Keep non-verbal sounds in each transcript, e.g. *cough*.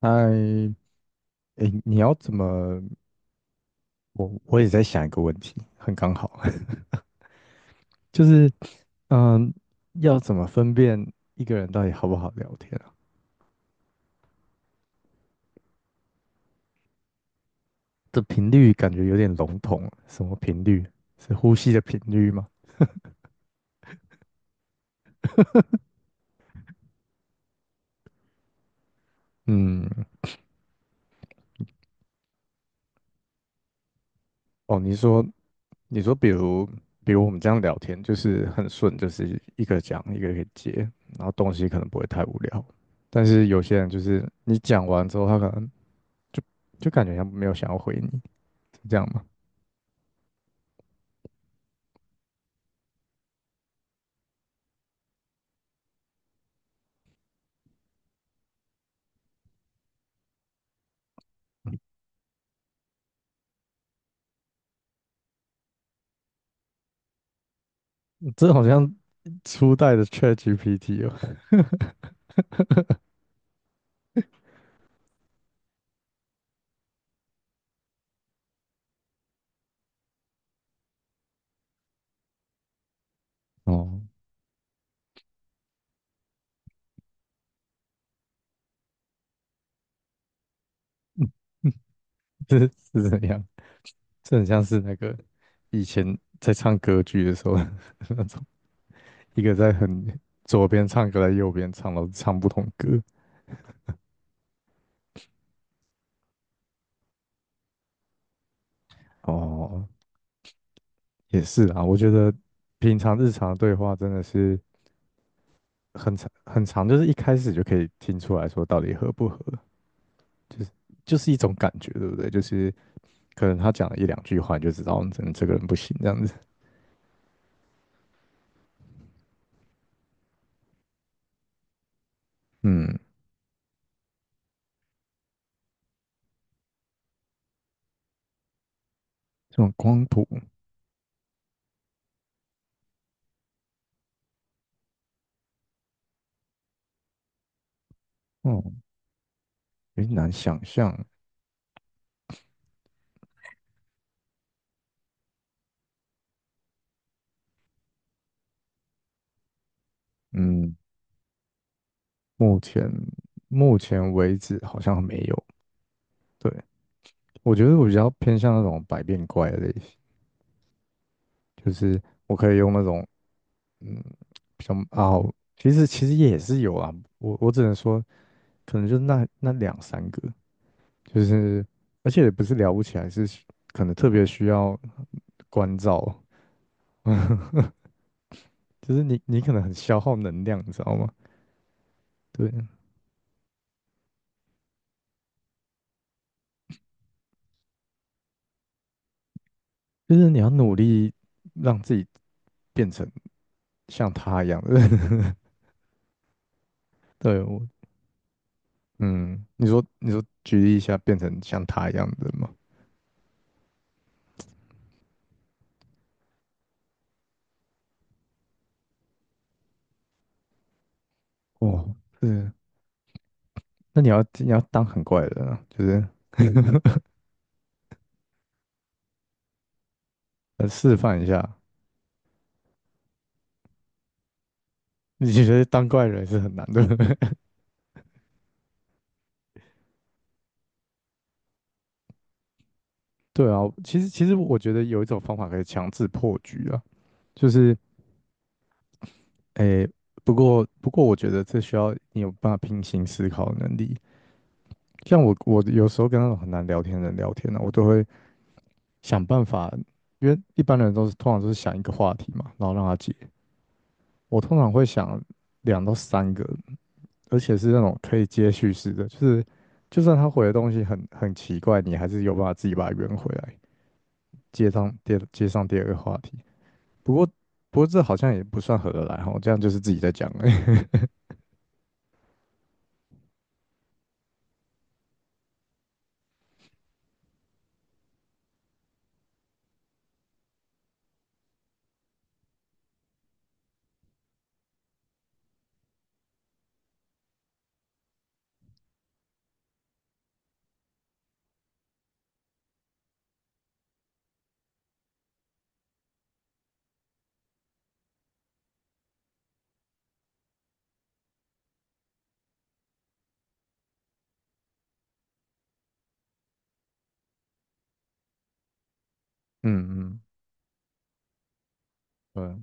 嗨诶，你要怎么？我也在想一个问题，很刚好，*laughs* 就是嗯，要怎么分辨一个人到底好不好聊天啊？这频率感觉有点笼统，什么频率？是呼吸的频率吗？嗯，哦，你说，比如我们这样聊天，就是很顺，就是一个讲一个给接，然后东西可能不会太无聊，但是有些人就是你讲完之后，他可能就就感觉像没有想要回你，是这样吗？这好像初代的 ChatGPT。 哦，哦 *laughs*，这是怎样？这很像是那个以前在唱歌剧的时候 *laughs* 那种，一个在很左边唱，歌，个在右边唱，然后唱不同歌。哦，也是啊，我觉得平常日常的对话真的是很长很长，就是一开始就可以听出来说到底合不合，就是就是一种感觉，对不对？就是可能他讲了一两句话，你就知道嗯这个人不行这样子。嗯，这种光谱。嗯，有点难想象。嗯，目前目前为止好像没有。对，我觉得我比较偏向那种百变怪的类型，就是我可以用那种嗯比较啊，其实也是有啊。我只能说，可能就那两三个，就是而且也不是聊不起来，是可能特别需要关照，就是你可能很消耗能量，你知道吗？对，就是你要努力让自己变成。像他一样的人。*laughs* 对，我，嗯，你说举例一下，变成像他一样的人吗？哦，是，那你要当很怪的人啊，就是示范一下。你觉得当怪人是很难的？*laughs* 对啊，其实我觉得有一种方法可以强制破局啊，就是诶，不过我觉得这需要你有办法平行思考的能力。像我有时候跟那种很难聊天的人聊天呢、我都会想办法，因为一般人都是通常都是想一个话题嘛，然后让他接。我通常会想两到三个，而且是那种可以接续式的，就是就算他回的东西很很奇怪，你还是有办法自己把它圆回来，接上第二个话题。不过不过这好像也不算合得来哈，这样就是自己在讲而已。*laughs* 嗯嗯，对。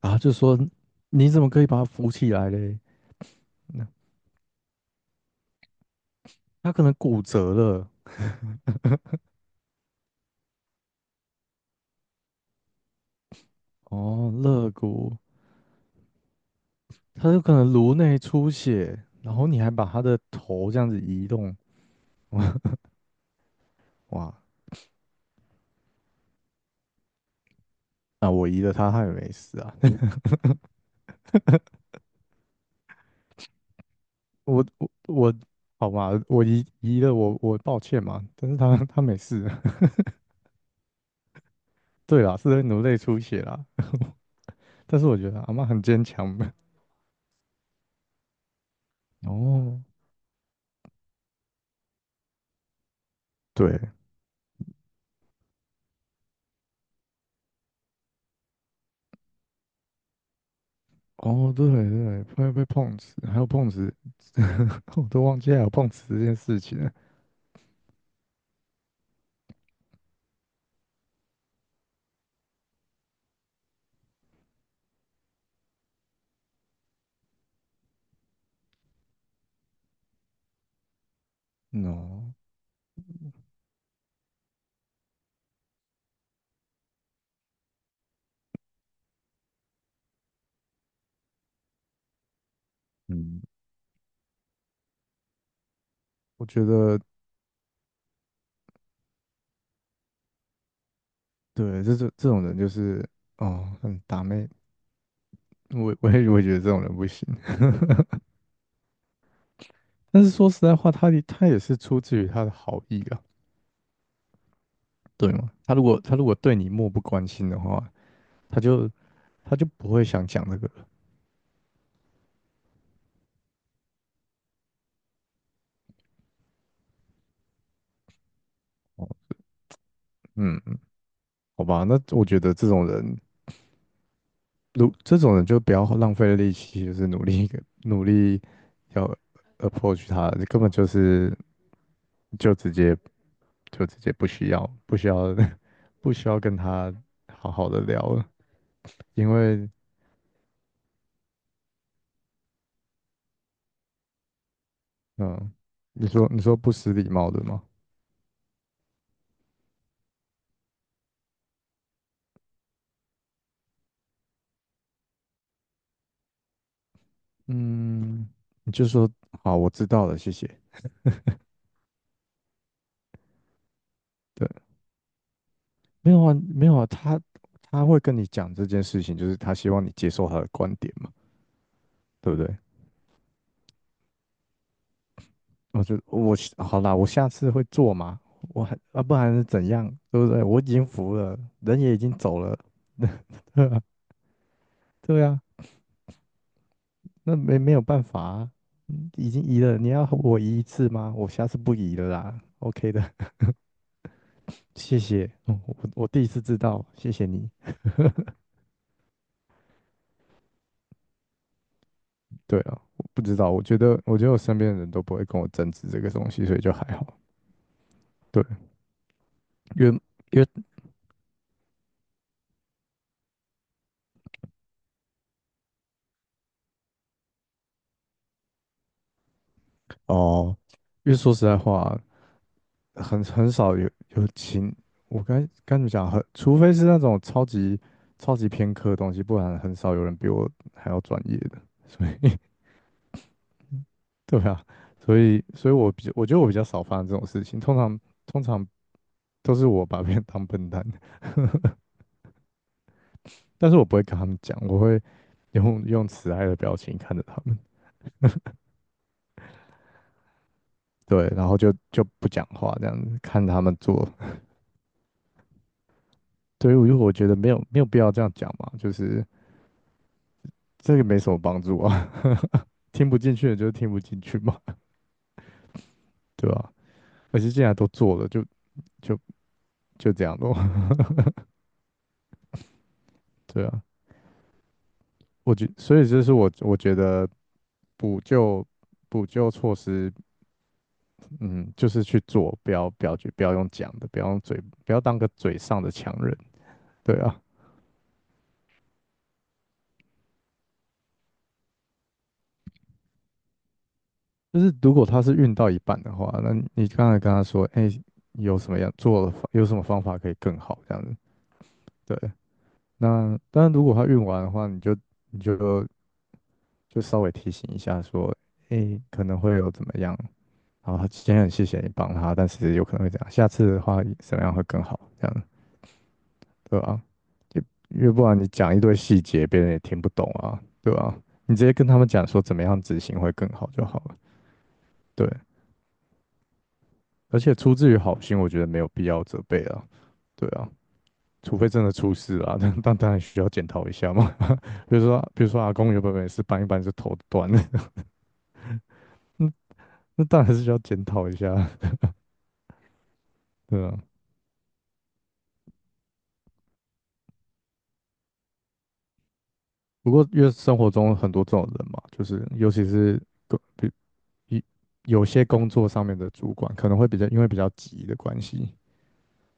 然后就说你怎么可以把他扶起来嘞？那他可能骨折了，哦，肋骨，他有可能颅内出血，然后你还把他的头这样子移动，哇，那我移了他，他也没事啊。我，好吧，我移了我抱歉嘛，但是他没事，*laughs* 对啦，是在努力出血啦，但是我觉得阿嬷很坚强的。*laughs* 哦，对，哦对对，会被碰瓷，还有碰瓷，*laughs* 我都忘记还有碰瓷这件事情了。No,嗯，我觉得对，这种人就是哦，很打妹，我也觉得这种人不行。*laughs* 但是说实在话，他也是出自于他的好意啊，对吗？他如果他如果对你漠不关心的话。他就他就不会想讲这个了。哦，嗯，好吧，那我觉得这种人，如这种人就不要浪费力气，就是努力努力要 approach 他，你根本就是就直接就直接不需要 *laughs* 不需要跟他好好的聊了，因为嗯，你说不失礼貌的吗？嗯，你就说好，我知道了，谢谢。对。没有啊，没有啊，他他会跟你讲这件事情，就是他希望你接受他的观点嘛，对不对？我好啦，我下次会做嘛，我还啊，不然是怎样，对不对？我已经服了，人也已经走了，*laughs* 对啊，对啊，那没有办法啊，嗯已经移了，你要我移一次吗？我下次不移了啦，OK 的，*laughs* 谢谢，嗯我第一次知道，谢谢你。对啊，我不知道，我觉得我身边的人都不会跟我争执这个东西，所以就还好。对。因为因为哦，因为说实在话，很少有，我该怎么讲？很，除非是那种超级偏科的东西，不然很少有人比我还要专业的。所以，*laughs* 对啊，所以我觉得我比较少发生这种事情。通常都是我把别人当笨蛋，但是我不会跟他们讲，我会用慈爱的表情看着他们，对，然后就不讲话这样子，看他们做。对，于我觉得没有没有必要这样讲嘛，就是。这个没什么帮助啊，*laughs* 听不进去的就是听不进去嘛，*laughs* 对吧、而且既然都做了，就就这样咯，*laughs* 对啊，我觉，所以这是我觉得补救补救措施，嗯，就是去做，不要去不要用讲的，不要用嘴，不要当个嘴上的强人，对啊，就是如果他是运到一半的话，那你刚才跟他说，哎、有什么方法可以更好这样子，对，那当然如果他运完的话，你就就稍微提醒一下说，诶，可能会有怎么样，然后今天很谢谢你帮他，但是有可能会这样，下次的话怎么样会更好，这样对吧？就因为不然你讲一堆细节，别人也听不懂啊，对吧？你直接跟他们讲说怎么样执行会更好就好了，对。而且出自于好心，我觉得没有必要责备啊，对啊，除非真的出事啊，但当然需要检讨一下嘛。*laughs* 比如说，比如说阿公原本没事，搬一搬就头断了，*laughs* 那那当然是需要检讨一下啊，对啊。不过，因为生活中很多这种人嘛，就是尤其是工，比一有些工作上面的主管可能会比较，因为比较急的关系，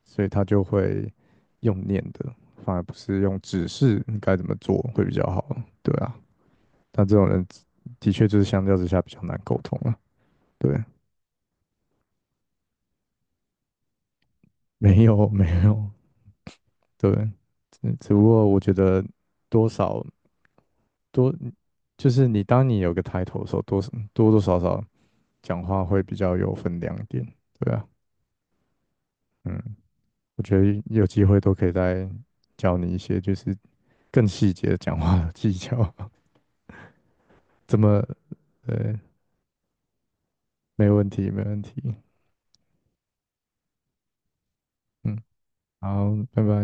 所以他就会用念的，反而不是用指示你该怎么做会比较好。对啊，但这种人的确就是相较之下比较难沟通了。对，*laughs* 没有没有，对，只不过我觉得多少多，就是你当你有个抬头的时候，多多少少讲话会比较有分量一点，对啊，嗯，我觉得有机会都可以再教你一些就是更细节的讲话的技巧，*laughs* 怎么，呃，没问题，没问题，嗯，好，拜拜。